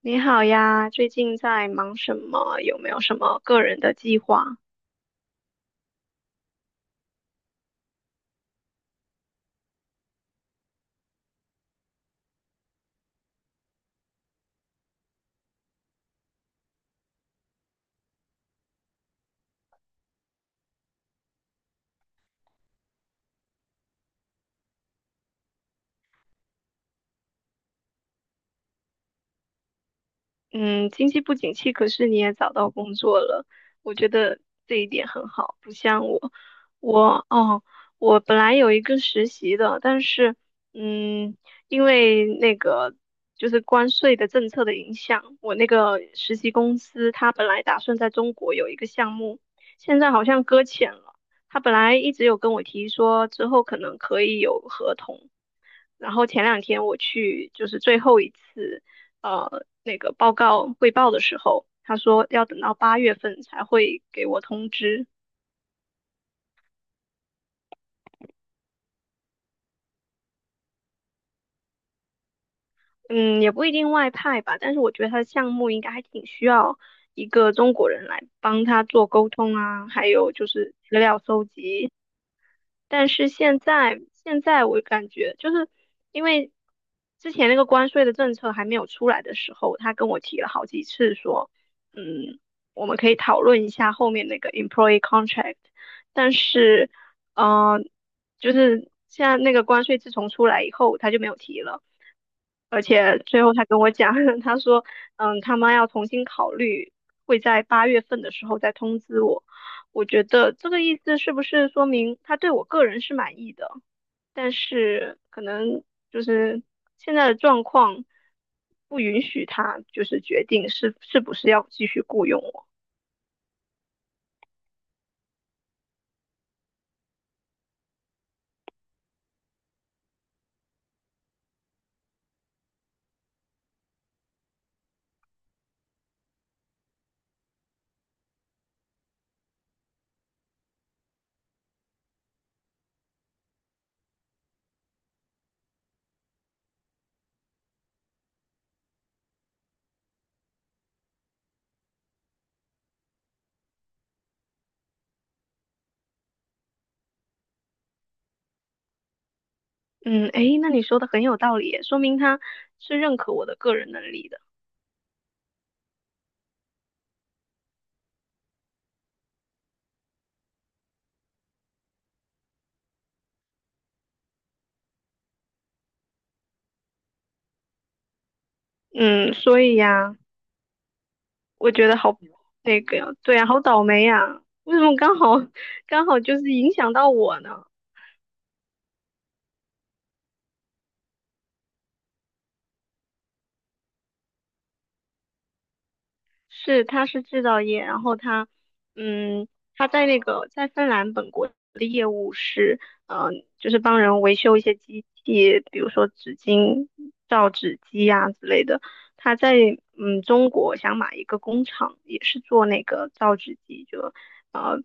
你好呀，最近在忙什么？有没有什么个人的计划？嗯，经济不景气，可是你也找到工作了，我觉得这一点很好。不像我，我我本来有一个实习的，但是嗯，因为关税的政策的影响，我那个实习公司它本来打算在中国有一个项目，现在好像搁浅了。他本来一直有跟我提说，之后可能可以有合同。然后前两天我去就是最后一次那个报告汇报的时候，他说要等到八月份才会给我通知。嗯，也不一定外派吧，但是我觉得他的项目应该还挺需要一个中国人来帮他做沟通啊，还有就是资料搜集。但是现在我感觉就是因为之前那个关税的政策还没有出来的时候，他跟我提了好几次说，嗯，我们可以讨论一下后面那个 employee contract。但是，嗯、就是现在那个关税自从出来以后，他就没有提了。而且最后他跟我讲，他说，嗯，他妈要重新考虑，会在八月份的时候再通知我。我觉得这个意思是不是说明他对我个人是满意的，但是可能就是现在的状况不允许他就是决定是不是要继续雇佣我。嗯，诶，那你说的很有道理耶，说明他是认可我的个人能力的。嗯，所以呀。我觉得好那个呀，对呀，好倒霉呀！为什么刚好就是影响到我呢？是，他是制造业，然后他，嗯，他在那个在芬兰本国的业务是，就是帮人维修一些机器，比如说纸巾、造纸机呀、之类的。他在中国想买一个工厂，也是做那个造纸机，就呃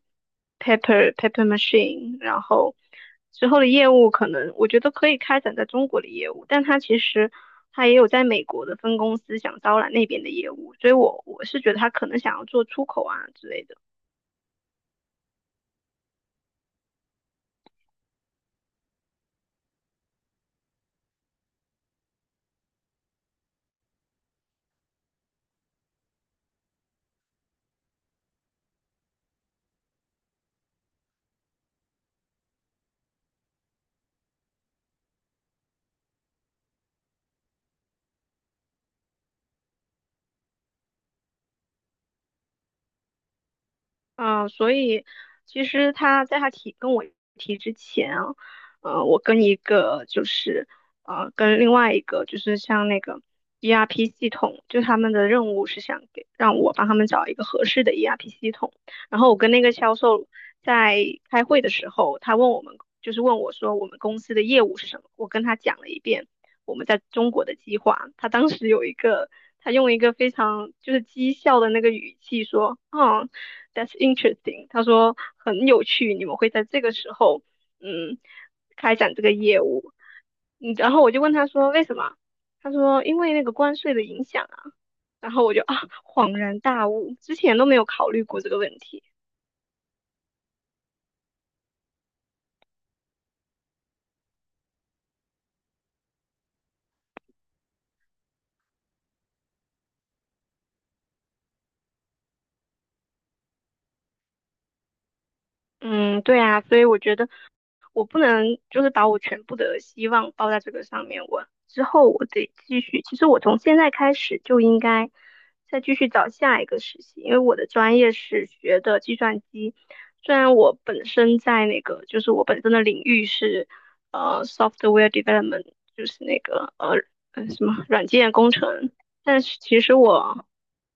paper machine，然后之后的业务可能我觉得可以开展在中国的业务，但他其实他也有在美国的分公司想招揽那边的业务，所以我是觉得他可能想要做出口啊之类的。嗯，所以其实他在跟我提之前啊，嗯，我跟一个就是呃跟另外一个就是像那个 ERP 系统，就他们的任务是想给让我帮他们找一个合适的 ERP 系统。然后我跟那个销售在开会的时候，他问我们就是问我说我们公司的业务是什么，我跟他讲了一遍我们在中国的计划。他当时有一个他用一个非常就是讥笑的那个语气说，嗯。That's interesting。他说很有趣，你们会在这个时候，嗯，开展这个业务。嗯，然后我就问他说为什么？他说因为那个关税的影响啊。然后我就啊恍然大悟，之前都没有考虑过这个问题。嗯，对啊，所以我觉得我不能就是把我全部的希望抱在这个上面，我之后我得继续。其实我从现在开始就应该再继续找下一个实习，因为我的专业是学的计算机，虽然我本身在那个就是我本身的领域是software development，就是那个什么软件工程，但是其实我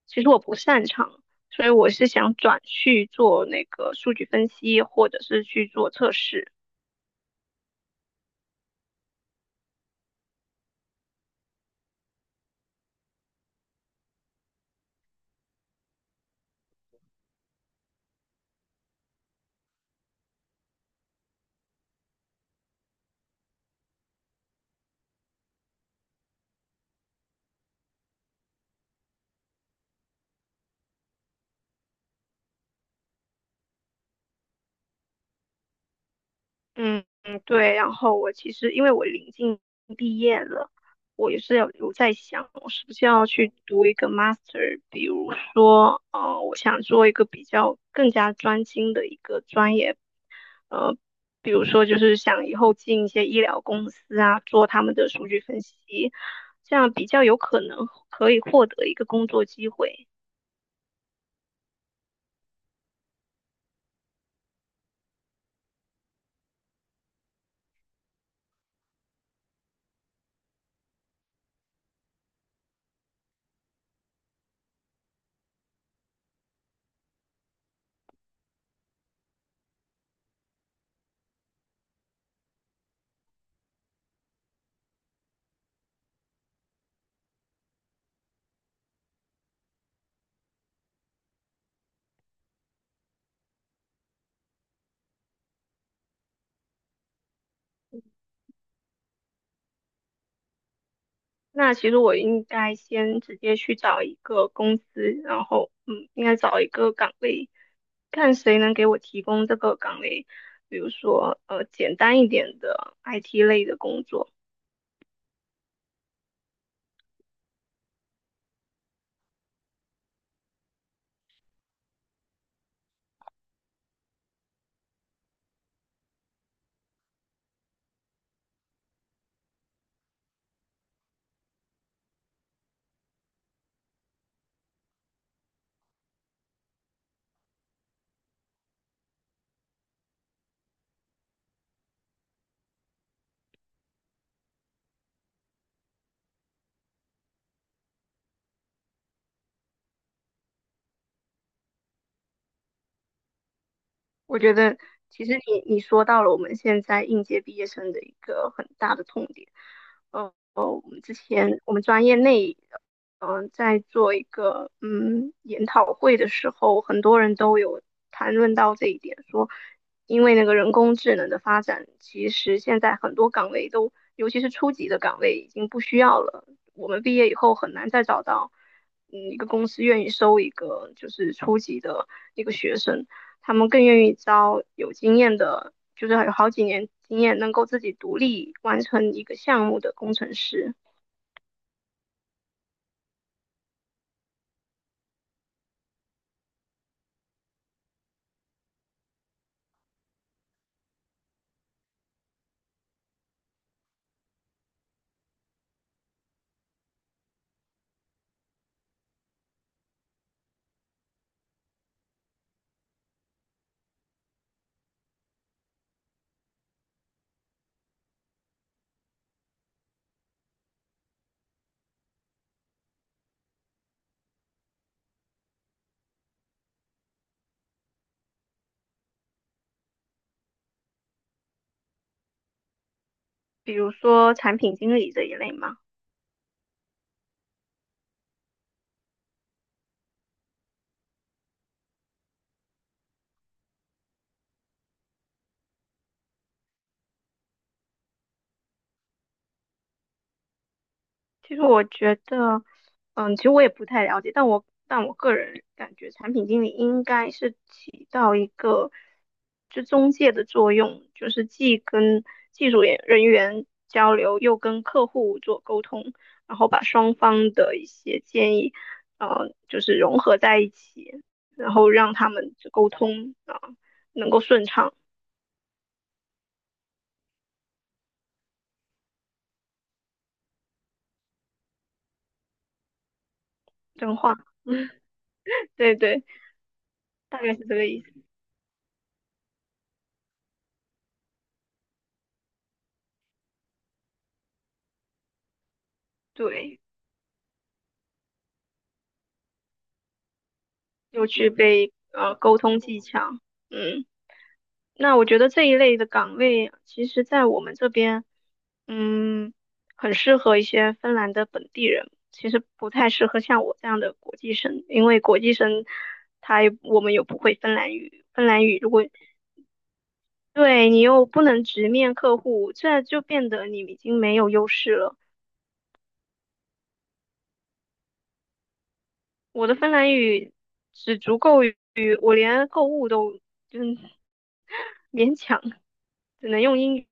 其实我不擅长。所以我是想转去做那个数据分析，或者是去做测试。嗯嗯，对。然后我其实因为我临近毕业了，我也是有在想，我是不是要去读一个 master。比如说，呃，我想做一个比较更加专精的一个专业，呃，比如说就是想以后进一些医疗公司啊，做他们的数据分析，这样比较有可能可以获得一个工作机会。那其实我应该先直接去找一个公司，然后嗯，应该找一个岗位，看谁能给我提供这个岗位，比如说简单一点的 IT 类的工作。我觉得其实你说到了我们现在应届毕业生的一个很大的痛点。呃我们之前我们专业内，在做一个嗯研讨会的时候，很多人都有谈论到这一点，说因为那个人工智能的发展，其实现在很多岗位都，尤其是初级的岗位已经不需要了。我们毕业以后很难再找到，嗯，一个公司愿意收一个就是初级的一个学生，他们更愿意招有经验的，就是有好几年经验，能够自己独立完成一个项目的工程师。比如说产品经理这一类嘛，其实我觉得，嗯，其实我也不太了解，但我个人感觉，产品经理应该是起到一个就中介的作用，就是既跟技术人员交流，又跟客户做沟通，然后把双方的一些建议，呃，就是融合在一起，然后让他们沟通啊，能够顺畅，真话，对对，大概是这个意思。对。又具备沟通技巧。嗯，那我觉得这一类的岗位，其实在我们这边，嗯，很适合一些芬兰的本地人，其实不太适合像我这样的国际生，因为国际生他也我们又不会芬兰语，芬兰语如果对你又不能直面客户，这就变得你已经没有优势了。我的芬兰语只足够于我连购物都嗯勉强只能用英语。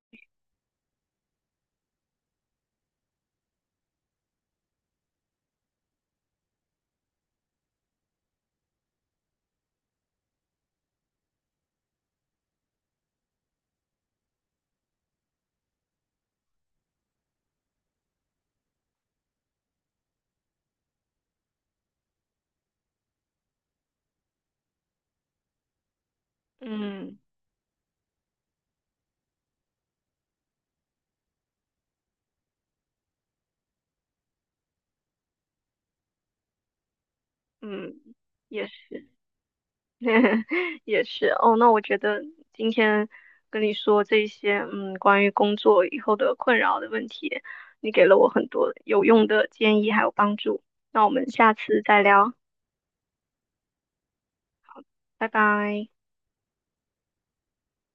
嗯，嗯，也是，也是哦。那我觉得今天跟你说这些，嗯，关于工作以后的困扰的问题，你给了我很多有用的建议还有帮助。那我们下次再聊，拜拜。